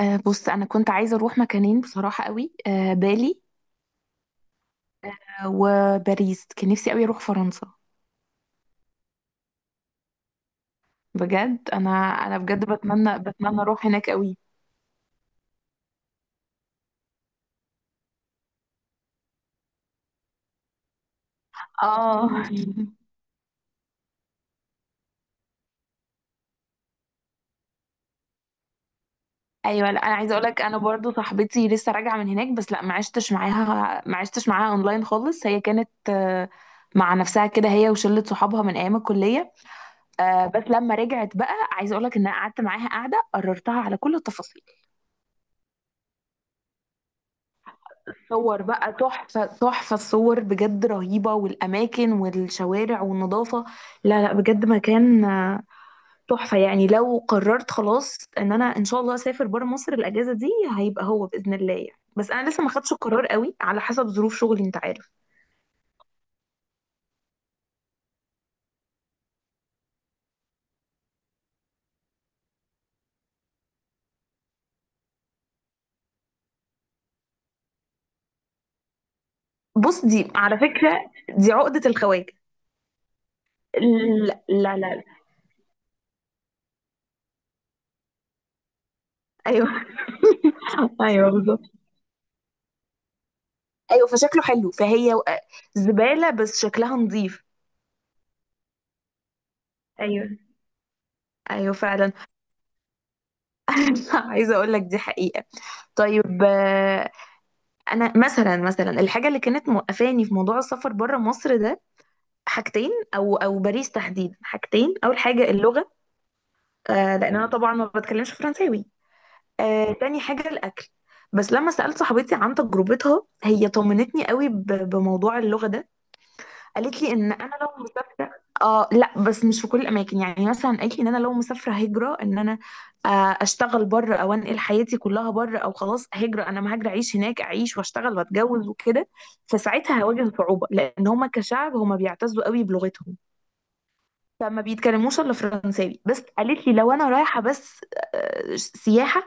آه، بص انا كنت عايزه اروح مكانين بصراحه قوي. آه، بالي. آه، وباريس كان نفسي قوي اروح فرنسا. بجد انا بجد بتمنى بتمنى اروح هناك قوي. اه. ايوه، لا انا عايزه اقول لك انا برضو صاحبتي لسه راجعه من هناك، بس لا ما عشتش معاها، ما عشتش معاها اونلاين خالص. هي كانت مع نفسها كده، هي وشله صحابها من ايام الكليه. بس لما رجعت بقى عايزه اقول لك ان انا قعدت معاها قاعده قررتها على كل التفاصيل. صور بقى، تحفة تحفة الصور بجد، رهيبة والأماكن والشوارع والنظافة. لا لا بجد مكان تحفة يعني. لو قررت خلاص إن أنا إن شاء الله أسافر برا مصر الأجازة دي، هيبقى هو بإذن الله يعني. بس أنا لسه ما خدتش القرار قوي على حسب ظروف شغلي، أنت عارف. بص، دي على فكرة دي عقدة الخواجة. لا لا لا لا. أيوه، أيوه بالظبط. أيوه فشكله حلو، فهي زبالة بس شكلها نظيف. ايوه. ايوه فعلا. عايزه اقول لك، دي حقيقه. طيب. انا مثلا، مثلا الحاجه اللي كانت موقفاني في موضوع السفر بره مصر ده حاجتين، او باريس تحديدا حاجتين. اول حاجه اللغه. آه، لان انا طبعا ما بتكلمش فرنساوي. آه، تاني حاجه الاكل. بس لما سالت صاحبتي عن تجربتها، هي طمنتني قوي بموضوع اللغه ده. قالت لي ان انا لو مسافره، اه لا، بس مش في كل الاماكن. يعني مثلا قالت لي ان انا لو مسافره هجره، ان انا آه، اشتغل بره او انقل حياتي كلها بره، او خلاص هجره، انا ما هاجر، اعيش هناك اعيش واشتغل واتجوز وكده. فساعتها هواجه صعوبه، لان هما كشعب هما بيعتزوا قوي بلغتهم، فما بيتكلموش الا فرنساوي. بس قالت لي لو انا رايحه بس سياحه،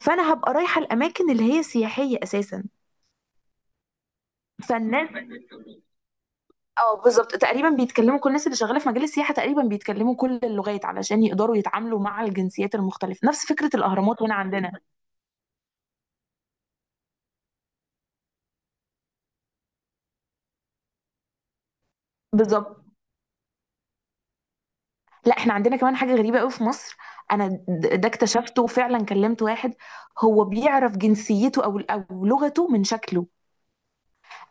فانا هبقى رايحه الاماكن اللي هي سياحيه اساسا. فالناس، اه بالظبط، تقريبا بيتكلموا، كل الناس اللي شغاله في مجال السياحه تقريبا بيتكلموا كل اللغات علشان يقدروا يتعاملوا مع الجنسيات المختلفه، نفس فكره الاهرامات هنا عندنا. بالظبط. لا احنا عندنا كمان حاجه غريبه قوي في مصر. انا ده اكتشفته، وفعلا كلمت واحد. هو بيعرف جنسيته او لغته من شكله.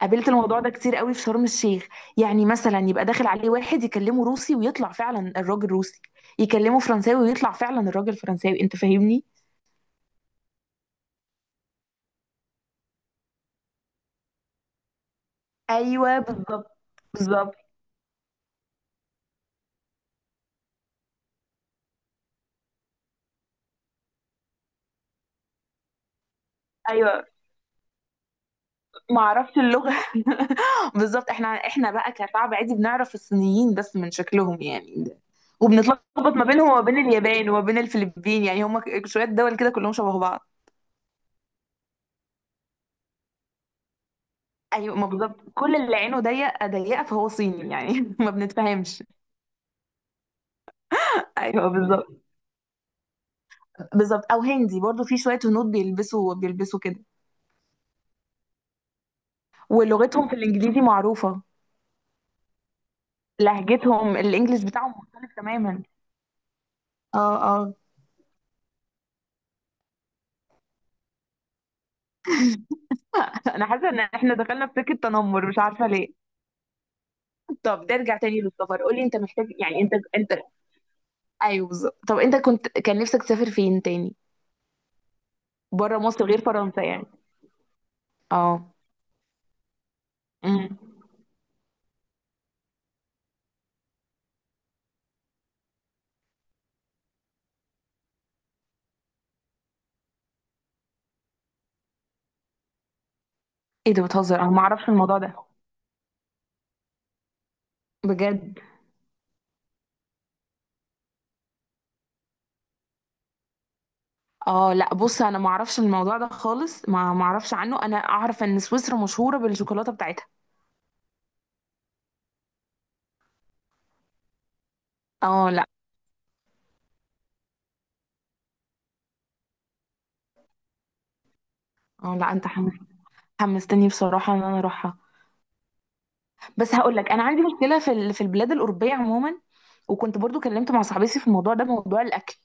قابلت الموضوع ده كتير قوي في شرم الشيخ. يعني مثلا يبقى داخل عليه واحد يكلمه روسي، ويطلع فعلا الراجل روسي. يكلمه فرنساوي ويطلع فعلا الراجل فرنساوي، انت فاهمني؟ ايوه بالظبط. بالظبط، ايوه ما عرفت اللغة. بالظبط، احنا بقى كشعب عادي بنعرف الصينيين بس من شكلهم يعني. وبنتلخبط ما بينهم وما بين اليابان وما بين الفلبين، يعني هما شوية دول كده كلهم شبه بعض. ايوه ما بالظبط، كل اللي عينه ضيقة ضيقة فهو صيني يعني، ما بنتفهمش. ايوه بالظبط. بالظبط، او هندي برضو، في شوية هنود بيلبسوا بيلبسوا كده. ولغتهم في الانجليزي معروفة. لهجتهم الانجليش بتاعهم مختلف تماما. اه اه. انا حاسة ان احنا دخلنا في سكة تنمر، مش عارفة ليه. طب نرجع تاني للسفر. قولي، انت محتاج يعني، انت ايوه بالظبط. طب انت كنت، كان نفسك تسافر فين تاني بره مصر غير فرنسا يعني؟ اه. امم. ايه ده بتهزر؟ انا ما اعرفش الموضوع ده، بجد؟ اه لا، بص انا ما اعرفش الموضوع ده خالص، ما اعرفش عنه. انا اعرف ان سويسرا مشهوره بالشوكولاته بتاعتها. اه لا. اه لا، انت حمستني بصراحه ان انا اروحها. بس هقول لك انا عندي مشكله في في البلاد الاوروبيه عموما. وكنت برضو كلمت مع صاحبتي في الموضوع ده، موضوع الاكل.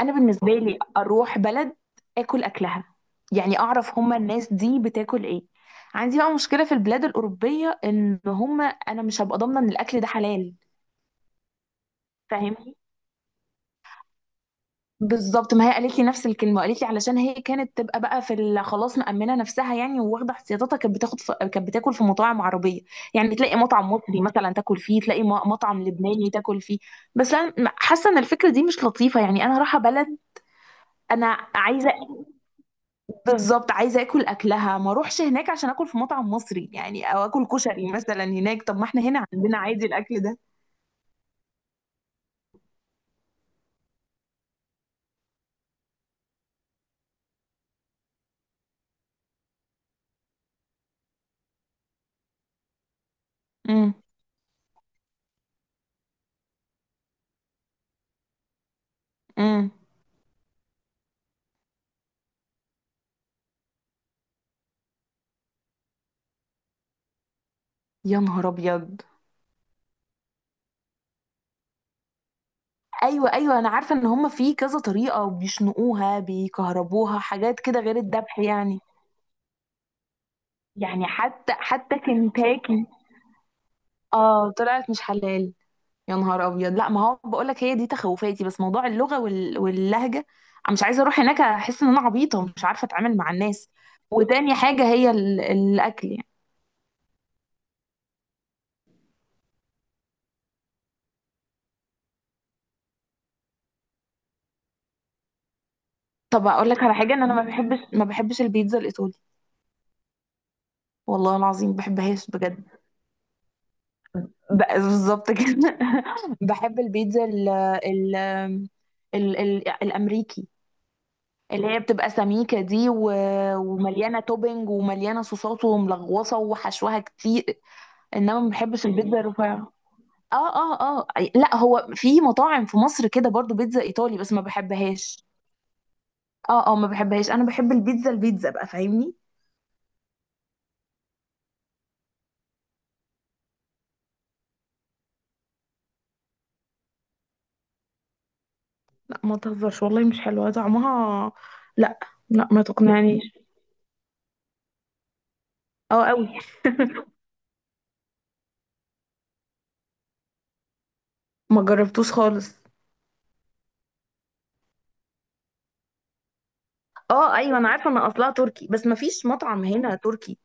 انا بالنسبه لي، اروح بلد اكل اكلها، يعني اعرف هما الناس دي بتاكل ايه. عندي بقى مشكله في البلاد الاوروبيه ان هما، انا مش هبقى ضامنه ان الاكل ده حلال، فاهمني؟ بالظبط. ما هي قالت لي نفس الكلمه، قالت لي علشان هي كانت تبقى بقى في خلاص مأمنه نفسها يعني وواخده احتياطاتها، كانت بتاخد في... كانت بتاكل في مطاعم عربيه. يعني تلاقي مطعم مصري مثلا تاكل فيه، تلاقي مطعم لبناني تاكل فيه. بس انا حاسه ان الفكره دي مش لطيفه يعني. انا رايحه بلد، انا عايزه، بالظبط عايزه اكل اكلها. ما اروحش هناك عشان اكل في مطعم مصري يعني، او اكل كشري مثلا هناك، طب ما احنا هنا عندنا عادي الاكل ده. امم. امم. يا نهار ابيض. ايوه ايوه، انا عارفه ان هم في كذا طريقه، بيشنقوها، بيكهربوها، حاجات كده غير الذبح يعني. يعني حتى حتى كنتاكي؟ اه طلعت مش حلال. يا نهار ابيض. لا ما هو بقول لك، هي دي تخوفاتي. بس موضوع اللغه وال... واللهجه، انا مش عايزه اروح هناك احس ان انا عبيطه مش عارفه اتعامل مع الناس. وتاني حاجه هي ال... الاكل يعني. طب اقول لك على حاجه، ان انا ما بحبش، ما بحبش البيتزا الايطالي. والله العظيم ما بحبهاش بجد. ب... بالظبط كده. بحب البيتزا ال... ال... ال... ال... الامريكي، اللي هي بتبقى سميكه دي و... ومليانه توبينج ومليانه صوصات وملغوصه وحشوها كتير. انما ما بحبش البيتزا الرفيعه. اه اه اه. لا هو في مطاعم في مصر كده برضو بيتزا ايطالي، بس ما بحبهاش. اه اه، ما بحبهاش. انا بحب البيتزا، البيتزا بقى فاهمني. لا ما تهزرش، والله مش حلوه طعمها. لا. لا ما تقنعنيش. اه قوي. ما جربتوش خالص. اه ايوه، انا عارفه ان اصلها تركي، بس ما فيش مطعم هنا تركي.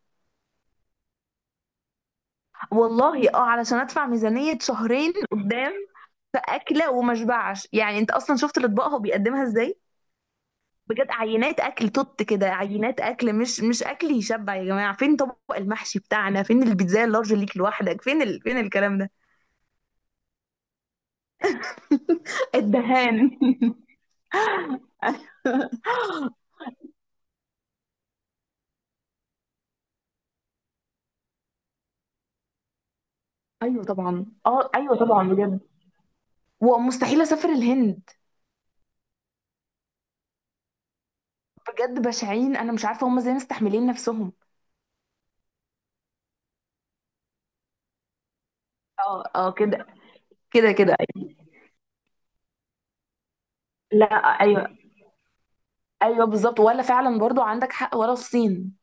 والله اه، علشان ادفع ميزانيه شهرين قدام في اكله وما اشبعش يعني. انت اصلا شفت الاطباق هو بيقدمها ازاي؟ بجد عينات اكل توت كده، عينات اكل، مش مش اكل يشبع يا جماعه. فين طبق المحشي بتاعنا، فين البيتزا اللارج ليك لوحدك، فين ال... فين الكلام ده. الدهان. ايوه طبعا. اه ايوه طبعا بجد. ومستحيل اسافر الهند. بجد بشعين، انا مش عارفه هم ازاي مستحملين نفسهم. اه اه كده كده كده أيوة. لا. ايوه. ايوه بالظبط، ولا فعلا برضو عندك حق، ولا الصين.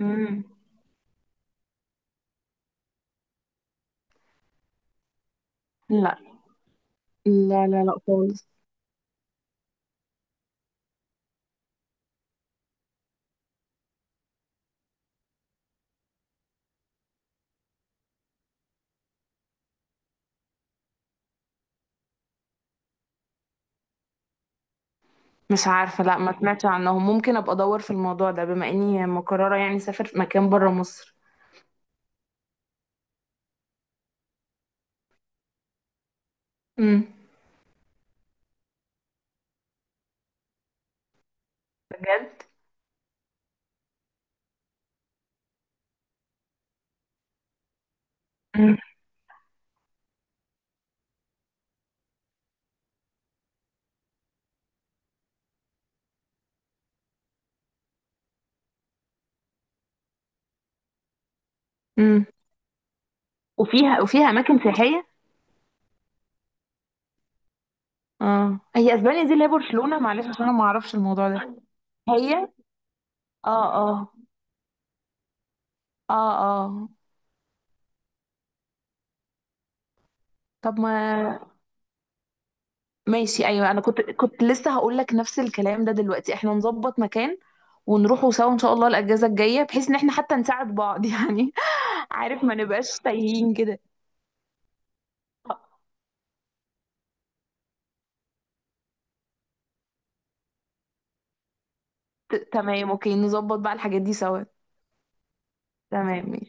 امم. لا لا لا لا خالص. مش عارفة، لا ما سمعتش عنهم، ممكن ابقى ادور في الموضوع ده بما اني مقررة يعني اسافر في مكان بره مصر. امم. بجد. امم. امم. وفيها، وفيها اماكن سياحيه. اه هي اسبانيا دي اللي هي برشلونة، معلش عشان انا ما اعرفش الموضوع ده. هي. اه. اه. اه. اه. طب ما، ماشي ايوه، انا كنت كنت لسه هقول لك نفس الكلام ده دلوقتي، احنا نظبط مكان ونروحوا سوا ان شاء الله الاجازة الجاية، بحيث ان احنا حتى نساعد بعض يعني. عارف ما نبقاش تايهين كده. تمام اوكي، نظبط بقى الحاجات دي سوا. تمام.